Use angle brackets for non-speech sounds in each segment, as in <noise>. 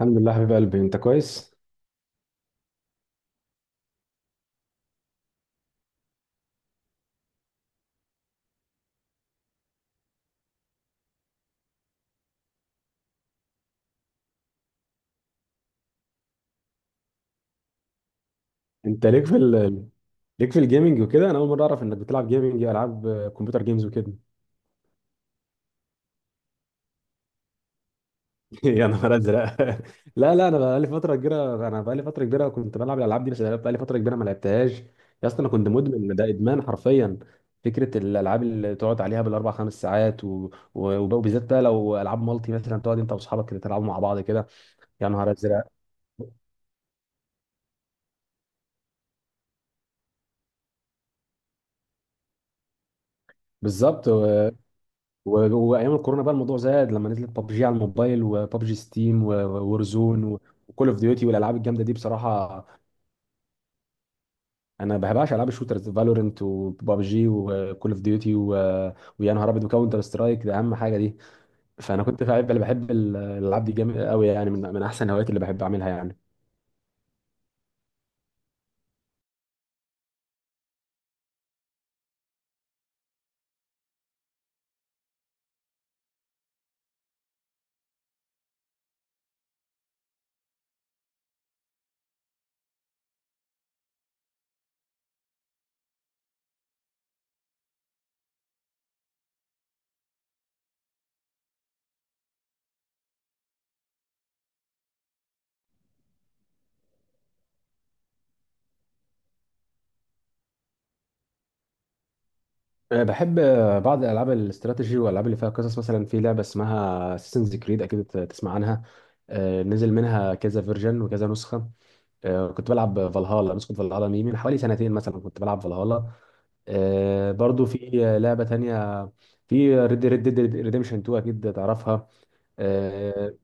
الحمد لله حبيب قلبي، انت كويس. انت ليك في الجيمنج وكده. انا اول مره اعرف انك بتلعب جيمنج، العاب كمبيوتر جيمز وكده. <laughs> يا نهار ازرق. <laughs> لا لا، انا بقالي فتره كبيره كنت بلعب الالعاب دي، بس بقالي فتره كبيره ما لعبتهاش. يا اسطى، انا كنت مدمن، ده ادمان حرفيا. فكره الالعاب اللي تقعد عليها بالاربع خمس ساعات وبالذات بقى لو العاب مالتي مثلا، تقعد انت واصحابك كده تلعبوا مع بعض كده. يا نهار ازرق. بالظبط. وايام الكورونا بقى الموضوع زاد لما نزلت ببجي على الموبايل، وببجي ستيم، وورزون، وكول اوف ديوتي، والالعاب الجامده دي بصراحه. انا ما بحبهاش العاب الشوترز، فالورنت، وببجي، وكول اوف ديوتي ويا نهار ابيض، وكاونتر سترايك ده اهم حاجه دي. فانا كنت بحب، الالعاب دي جامد قوي يعني، من احسن الهوايات اللي بحب اعملها يعني. بحب بعض الالعاب الاستراتيجي والالعاب اللي فيها قصص. مثلا في لعبه اسمها اساسنز كريد، اكيد تسمع عنها. نزل منها كذا فيرجن وكذا نسخه. كنت بلعب فالهالا، نسخة فالهالا مي، من حوالي سنتين مثلا كنت بلعب فالهالا. برضو في لعبة تانية، في ريد ديد ريديمشن 2، أكيد تعرفها. آه،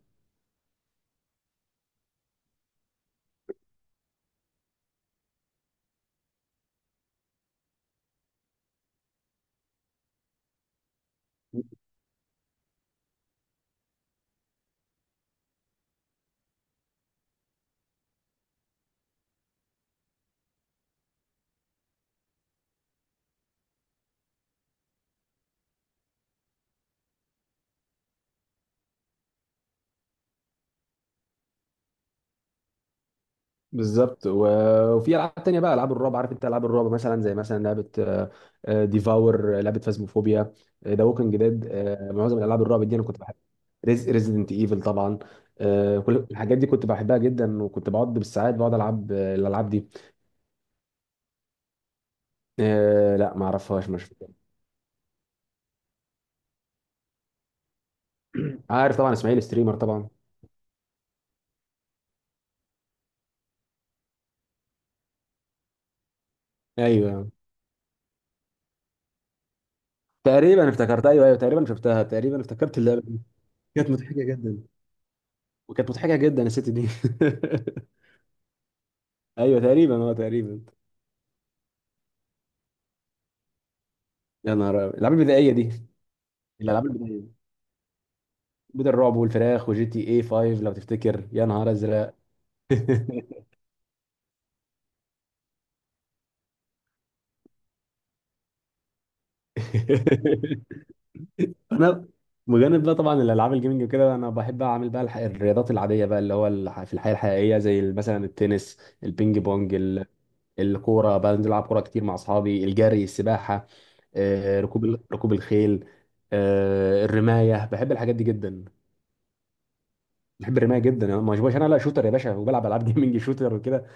بالظبط. وفي ألعاب تانية بقى، ألعاب الرعب. عارف أنت ألعاب الرعب مثلا؟ زي مثلا لعبة ديفاور، لعبة فازموفوبيا، ذا ووكينج ديد. معظم الألعاب الرعب دي أنا كنت بحب. ريزيدنت ايفل طبعا. كل الحاجات دي كنت بحبها جدا، وكنت بقعد بالساعات بقعد العب الالعاب دي. لا ما اعرفهاش، مش عارف. طبعا اسماعيل ستريمر طبعا. ايوه تقريبا افتكرت، ايوه ايوه، تقريبا شفتها، تقريبا افتكرت اللعبه دي. كانت مضحكه جدا، وكانت مضحكه جدا الست دي. <laughs> ايوه تقريبا، اه تقريبا. يا نهار أبيض. الالعاب البدائيه دي، الالعاب البدائيه، بيت الرعب والفراخ وجي تي اي 5 لو تفتكر. يا نهار ازرق. <laughs> انا بجانب بقى طبعا الالعاب الجيمنج وكده، انا بحب اعمل بقى الرياضات العاديه بقى، اللي هو في الحياه الحقيقيه، زي مثلا التنس، البينج بونج، الكوره بنزل العب كوره كتير مع اصحابي، الجري، السباحه، ركوب ركوب الخيل، الرمايه. بحب الحاجات دي جدا. بحب الرمايه جدا، أنا ما باشبهش انا لا شوتر يا باشا، وبلعب العاب جيمنج شوتر وكده.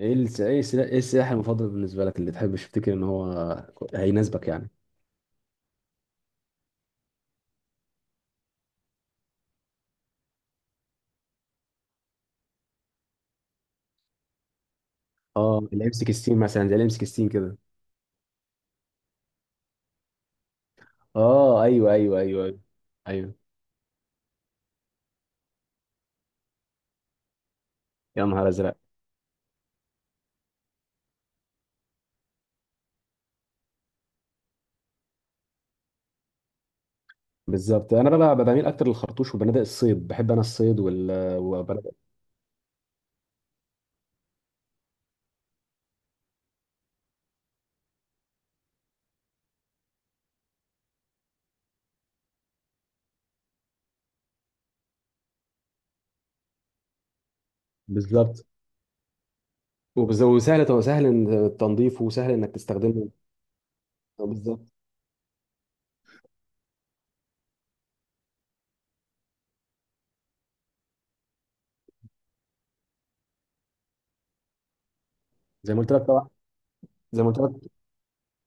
ايه الس- ايه السلا- إيه السلاح المفضل بالنسبه لك، اللي تحب تفتكر ان هو هيناسبك يعني؟ اه، الام 16 مثلا، زي الام 16 كده؟ اه ايوه ايوه ايوه ايوه، ايوه. يا نهار ازرق. بالظبط، انا بقى بميل اكتر للخرطوش وبنادق الصيد. بحب انا الصيد وبنادق- بالظبط. وسهل، تنظيفه، وسهل انك تستخدمه. بالظبط. زي ما قلت لك طبعا، زي ما قلت لك.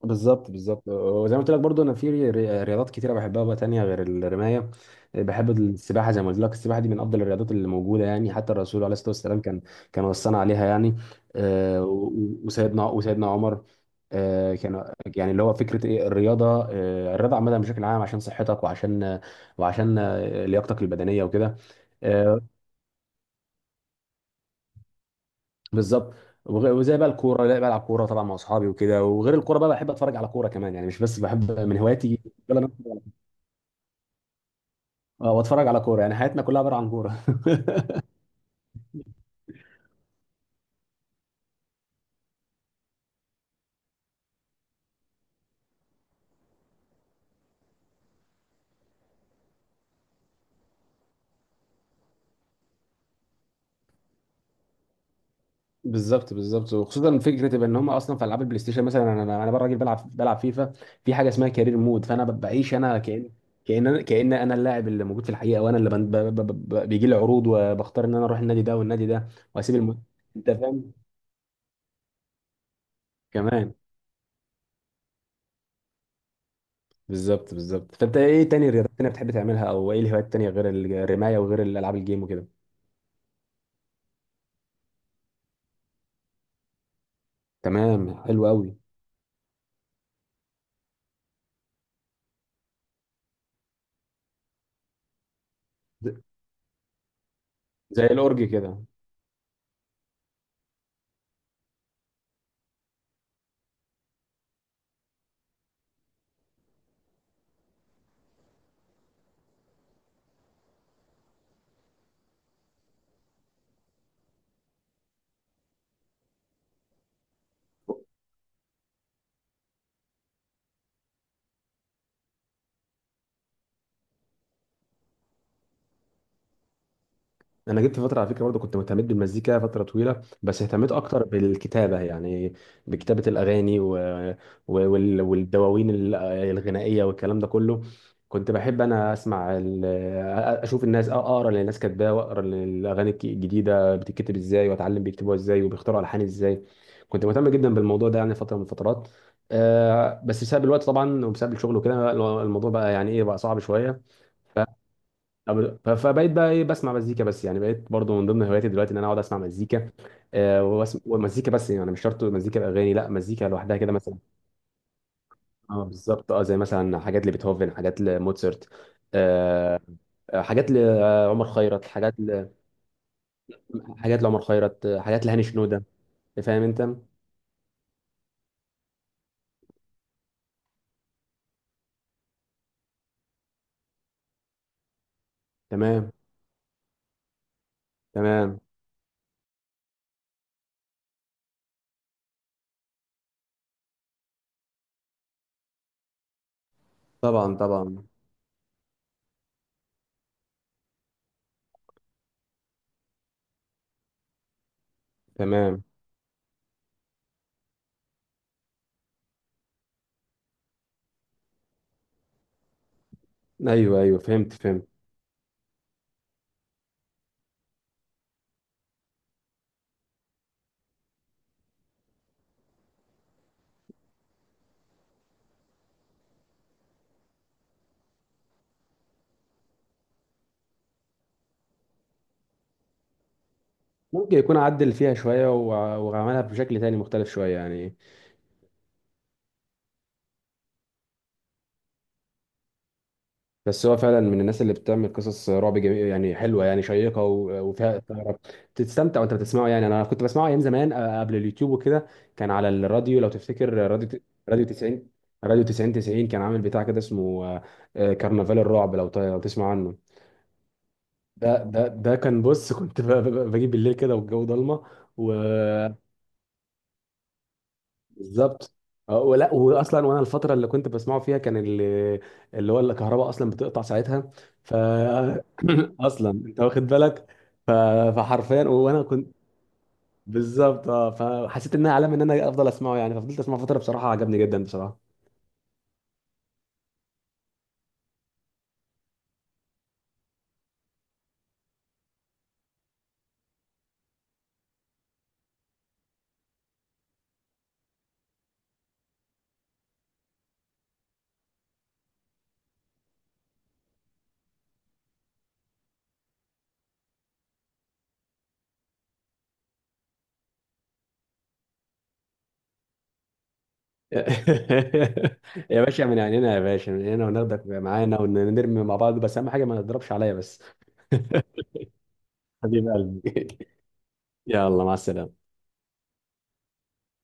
بالظبط بالظبط، وزي ما قلت لك برضو، انا في رياضات كتيره بحبها بقى تانية غير الرمايه. بحب السباحه، زي ما قلت لك. السباحه دي من افضل الرياضات اللي موجوده يعني، حتى الرسول عليه الصلاه والسلام كان، كان وصانا عليها يعني. وسيدنا عمر. كان يعني اللي هو فكره ايه الرياضه. الرياضه عامه بشكل عام، عشان صحتك، وعشان لياقتك البدنيه وكده. آه، بالظبط. وزي بقى الكوره، لا بلعب كوره طبعا مع اصحابي وكده، وغير الكوره بقى بحب اتفرج على كوره كمان يعني، مش بس بحب من هواياتي. ولا أنا- واتفرج على كوره يعني. حياتنا كلها عباره عن كوره. <laughs> بالظبط بالظبط، وخصوصا فكره ان هم اصلا في العاب البلاي ستيشن مثلا. انا انا أنا بقى راجل بلعب فيفا، في حاجه اسمها كارير مود. فانا بعيش انا، كان انا اللاعب اللي موجود في الحقيقه، وانا اللي بيجي لي عروض، وبختار ان انا اروح النادي ده والنادي ده، واسيب الم... انت فاهم، كمان. بالظبط بالظبط. فانت ايه تاني، رياضات تانية بتحب تعملها، او ايه الهوايات التانية غير الرماية وغير الالعاب الجيم وكده؟ تمام، حلو قوي. ز- زي الأورج كده؟ انا جبت فتره، على فكره برضه كنت مهتمت بالمزيكا فتره طويله، بس اهتميت اكتر بالكتابه يعني، بكتابه الاغاني والدواوين الغنائيه والكلام ده كله. كنت بحب انا اسمع اشوف الناس، اقرا اللي الناس كاتباه، واقرا اللي الاغاني الجديده بتتكتب ازاي، واتعلم بيكتبوها ازاي، وبيختاروا الحان ازاي. كنت مهتم جدا بالموضوع ده يعني فتره من الفترات. بس بسبب الوقت طبعا، وبسبب الشغل وكده، الموضوع بقى يعني ايه، بقى صعب شويه. فبقيت بقى ايه، بسمع مزيكا بس يعني، بقيت برضو من ضمن هواياتي دلوقتي ان انا اقعد اسمع مزيكا. ومزيكا بس يعني، مش شرط مزيكا باغاني، لا مزيكا لوحدها كده مثلا. اه بالظبط، اه زي مثلا حاجات لبيتهوفن، حاجات لموتسرت، آه، حاجات لعمر خيرت، حاجات لعمر خيرت، حاجات لهاني شنودة. فاهم انت؟ تمام تمام. طبعا طبعا. تمام. ايوه ايوه، فهمت فهمت. ممكن يكون عدل فيها شويه، وعملها بشكل تاني مختلف شويه يعني. بس هو فعلا من الناس اللي بتعمل قصص رعب جميل يعني، حلوه يعني، شيقه وفيها اثاره، تستمتع وانت بتسمعه يعني. انا كنت بسمعه ايام زمان، قبل اليوتيوب وكده، كان على الراديو، لو تفتكر راديو راديو 90 راديو 90 90، كان عامل بتاع كده اسمه كرنفال الرعب، لو لو تسمع عنه. ده ده ده كان، بص كنت بجيب بالليل كده والجو ضلمه. بالظبط. اه، ولا واصلا، وانا الفتره اللي كنت بسمعه فيها كان اللي، اللي هو الكهرباء اصلا بتقطع ساعتها. ف <coughs> <clears throat> اصلا انت واخد بالك. ف... فحرفيا وانا كنت. بالظبط اه. فحسيت انها علامه ان انا افضل اسمعه، يعني ففضلت اسمعه فتره، بصراحه عجبني جدا بصراحه. <laughs> يا باشا من عينينا، يا باشا من عينينا، وناخدك معانا ونرمي مع بعض، بس اهم حاجه ما تضربش عليا بس. <laughs> حبيب قلبي. <laughs> يلا مع السلامه.